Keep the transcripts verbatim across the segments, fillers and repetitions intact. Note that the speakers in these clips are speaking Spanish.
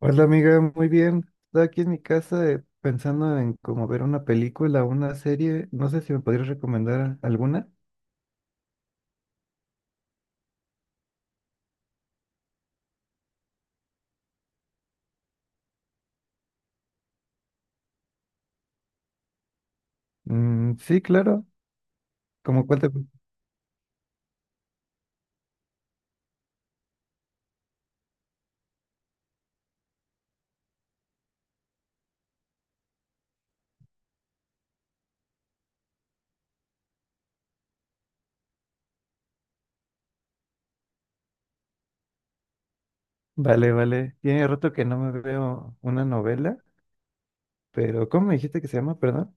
Hola amiga, muy bien. Estaba aquí en mi casa, eh, pensando en cómo ver una película o una serie. No sé si me podrías recomendar alguna. Mm, sí, claro. ¿Cómo cuál te... Vale, vale. Tiene rato que no me veo una novela, pero ¿cómo me dijiste que se llama? Perdón.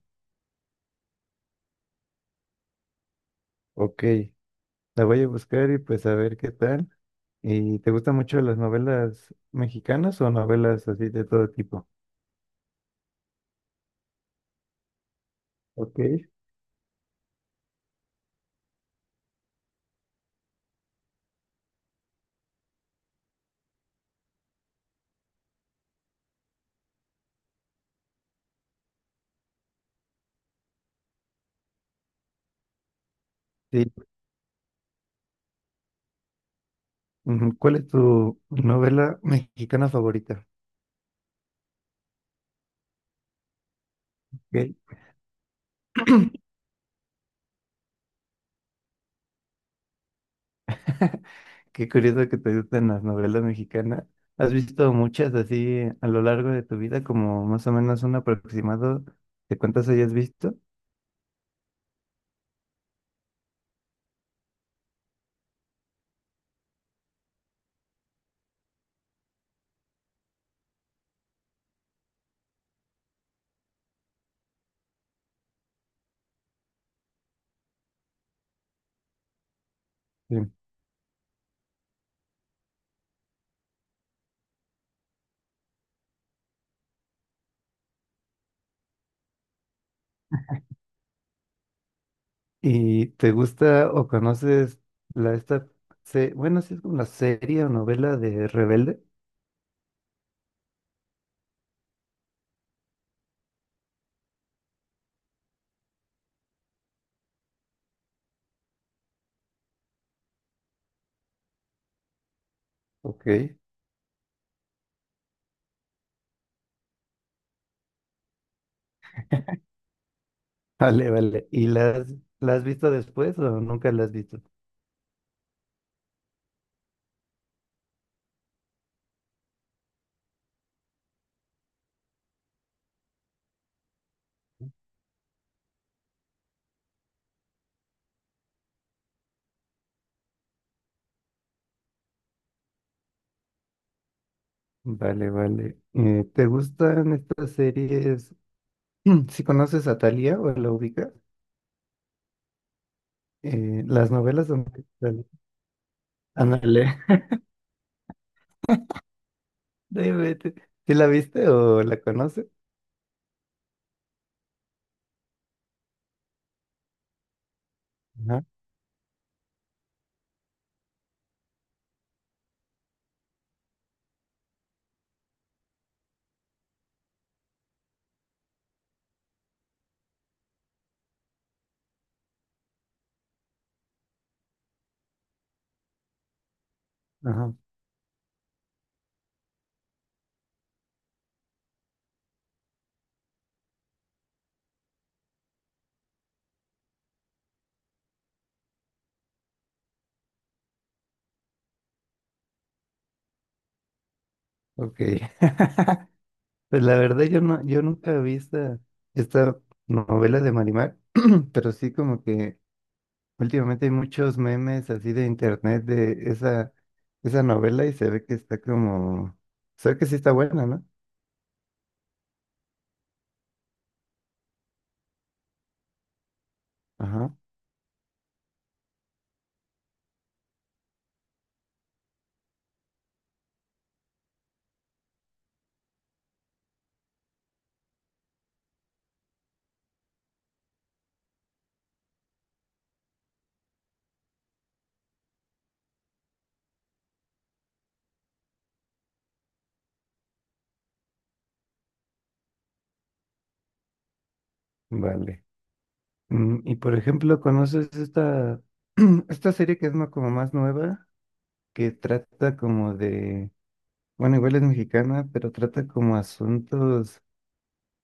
Ok, la voy a buscar y pues a ver qué tal. ¿Y te gustan mucho las novelas mexicanas o novelas así de todo tipo? Ok. Sí. Ujú. ¿Cuál es tu novela mexicana favorita? Ok. Qué curioso que te gusten las novelas mexicanas. ¿Has visto muchas así a lo largo de tu vida, como más o menos un aproximado de cuántas hayas visto? Sí. ¿Y te gusta o conoces la esta, se- bueno, sí es como una serie o novela de Rebelde? Ok. Vale, vale. ¿Y la has, la has visto después o nunca la has visto? Vale, vale. Eh, ¿te gustan estas series? Si conoces a Thalía o la ubicas, eh, las novelas son... Ándale. No inventes. ¿Sí la viste o la conoces? Ajá, ajá, ok. Pues la verdad, yo no, yo nunca vi esta, esta novela de Marimar, pero sí como que últimamente hay muchos memes así de internet de esa, esa novela y se ve que está como, se ve que sí está buena, ¿no? Ajá, vale. Mm, y por ejemplo, ¿conoces esta, esta serie que es más- como más nueva, que trata como de... Bueno, igual es mexicana, pero trata como asuntos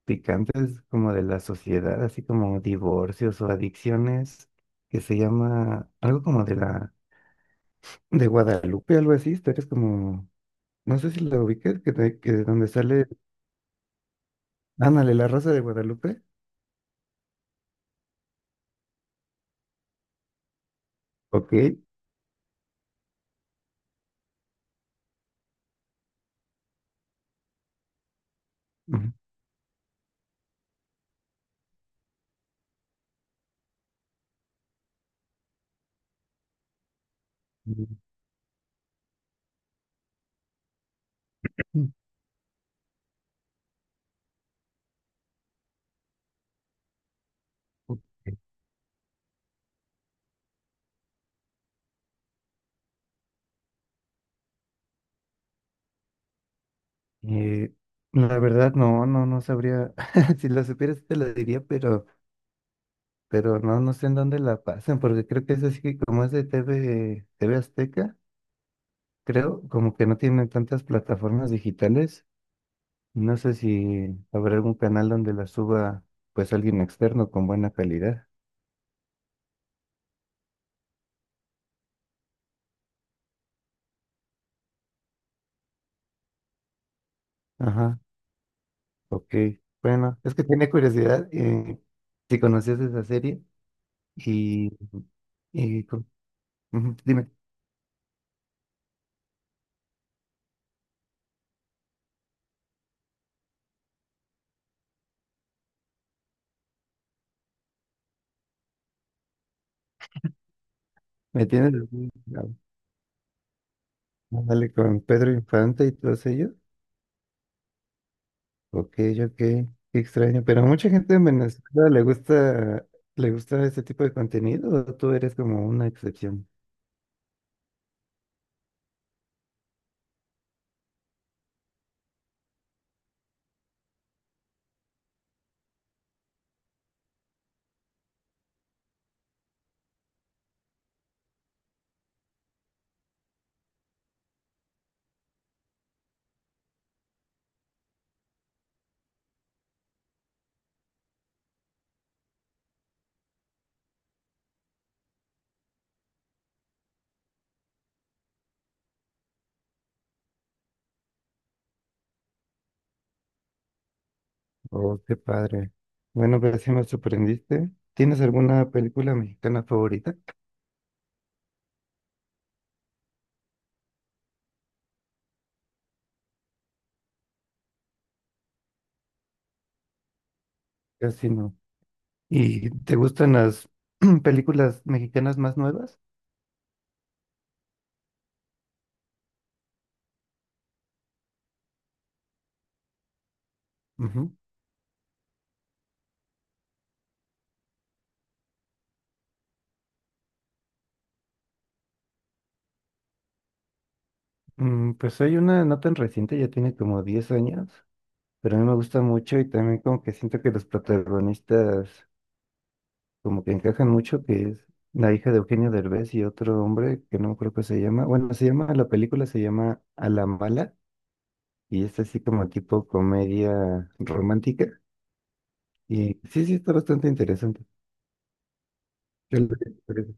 picantes como de la sociedad, así como divorcios o adicciones, que se llama algo como de la de Guadalupe, algo así, historias como, no sé si la ubiques, que, de- que de donde sale, ándale, la Rosa de Guadalupe. Ok. Ujú. Ok. Eh, la verdad, no, no, no sabría, si la supieras te la diría, pero... pero no, no sé en dónde la pasan, porque creo que eso sí, que como es de T V T V Azteca, creo como que no tienen tantas plataformas digitales. No sé si habrá algún canal donde la suba pues alguien externo con buena calidad. Ajá, ok. Bueno, es que tenía curiosidad, eh, si conocías esa serie y, y con- ujú, dime, ¿me tienes así? Ah, ándale, con Pedro Infante y todos ellos. Ok, ok, qué extraño. Pero a mucha gente en Venezuela le gusta, le gusta este tipo de contenido, o tú eres como una excepción. Oh, qué padre. Bueno, pero sí me sorprendiste. ¿Tienes alguna película mexicana favorita? Casi no. ¿Y te gustan las películas mexicanas más nuevas? Ujú. Mm, pues hay una no tan reciente, ya tiene como diez años, pero a mí me gusta mucho y también como que siento que los protagonistas como que encajan mucho, que es la hija de Eugenio Derbez y otro hombre que no creo que se llama. Bueno, se llama, la película se llama A la Mala, y es así como tipo comedia romántica. Y sí, sí, está bastante interesante. Yo lo-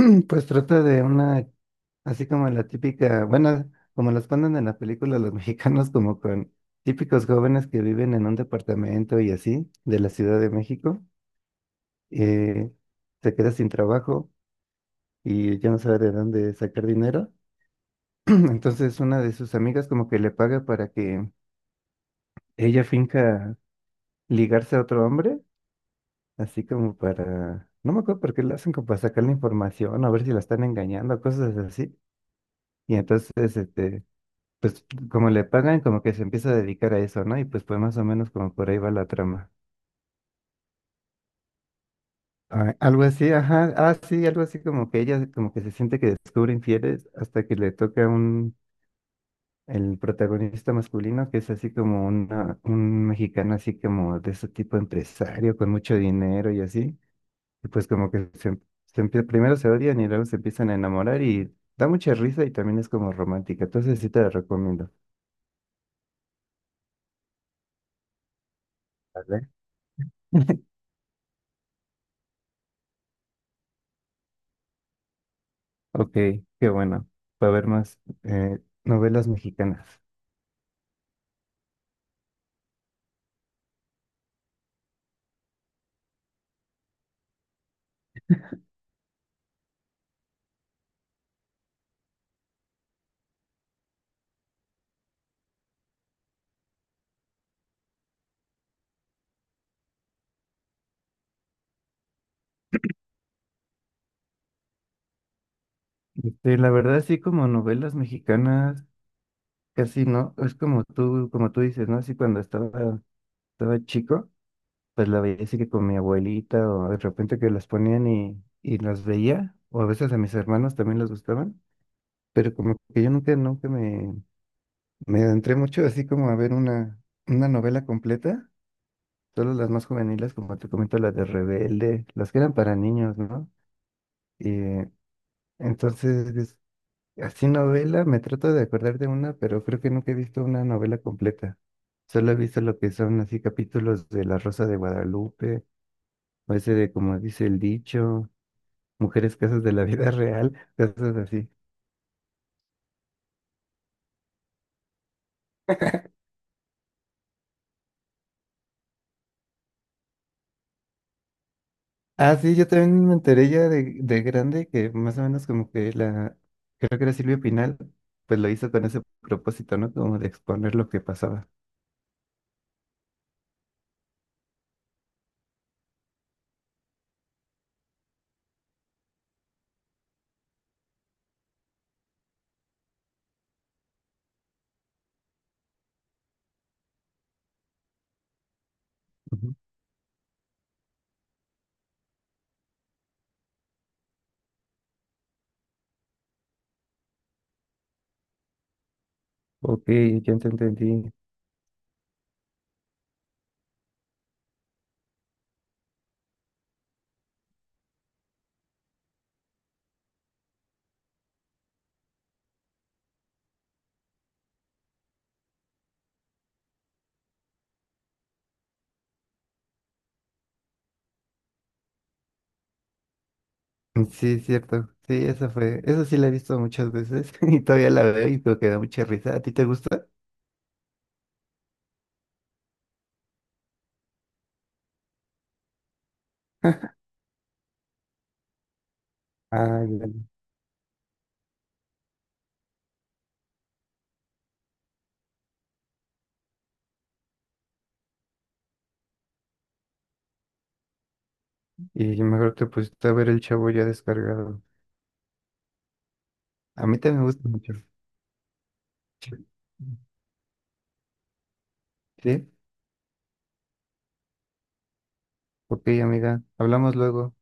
Pues trata de una, así como la típica, bueno, como las ponen en la película los mexicanos, como con típicos jóvenes que viven en un departamento y así, de la Ciudad de México, eh, se queda sin trabajo y ya no sabe de dónde sacar dinero. Entonces una de sus amigas como que le paga para que ella finca ligarse a otro hombre, así como para, no me acuerdo por qué lo hacen, como para sacar la información, a ver si la están engañando, cosas así. Y entonces, este, pues como le pagan, como que se empieza a dedicar a eso, ¿no? Y pues pues más o menos como por ahí va la trama. Ah, algo así, ajá, ah, sí, algo así como que ella como que se siente que descubre infieles hasta que le toca un el protagonista masculino, que es así como una, un mexicano, así como de ese tipo empresario, con mucho dinero y así. Y pues como que se, se empie- primero se odian y luego se empiezan a enamorar y da mucha risa y también es como romántica. Entonces sí te la recomiendo. ¿Vale? Ok, qué bueno. Para ver más, eh, novelas mexicanas. Este, la verdad, sí, como novelas mexicanas, casi no. Es como tú, como tú dices, ¿no? Así cuando estaba, estaba chico, pues la veía así que con mi abuelita o de repente que las ponían y, y las veía, o a veces a mis hermanos también les gustaban, pero como que yo nunca, nunca me, me, adentré mucho así como a ver una, una novela completa, solo las más juveniles, como te comento, las de Rebelde, las que eran para niños, ¿no? Y eh, entonces, es- así novela, me trato de acordar de una, pero creo que nunca he visto una novela completa. Solo he visto lo que son así capítulos de La Rosa de Guadalupe, o ese de como dice el dicho. Mujeres casos de la vida real, cosas así. Ah, sí, yo también me enteré ya de, de grande que más o menos como que la, creo que era Silvia Pinal, pues lo hizo con ese propósito, ¿no? Como de exponer lo que pasaba. Ujú. Ok, ya te entendí. Sí, es cierto. Sí, eso fue, eso sí la he visto muchas veces y todavía la veo y creo que da mucha risa. ¿A ti te gusta? Ah, ya. Y mejor te pusiste a ver el chavo ya descargado. A mí también me gusta mucho. Sí. Sí. Ok, amiga, hablamos luego.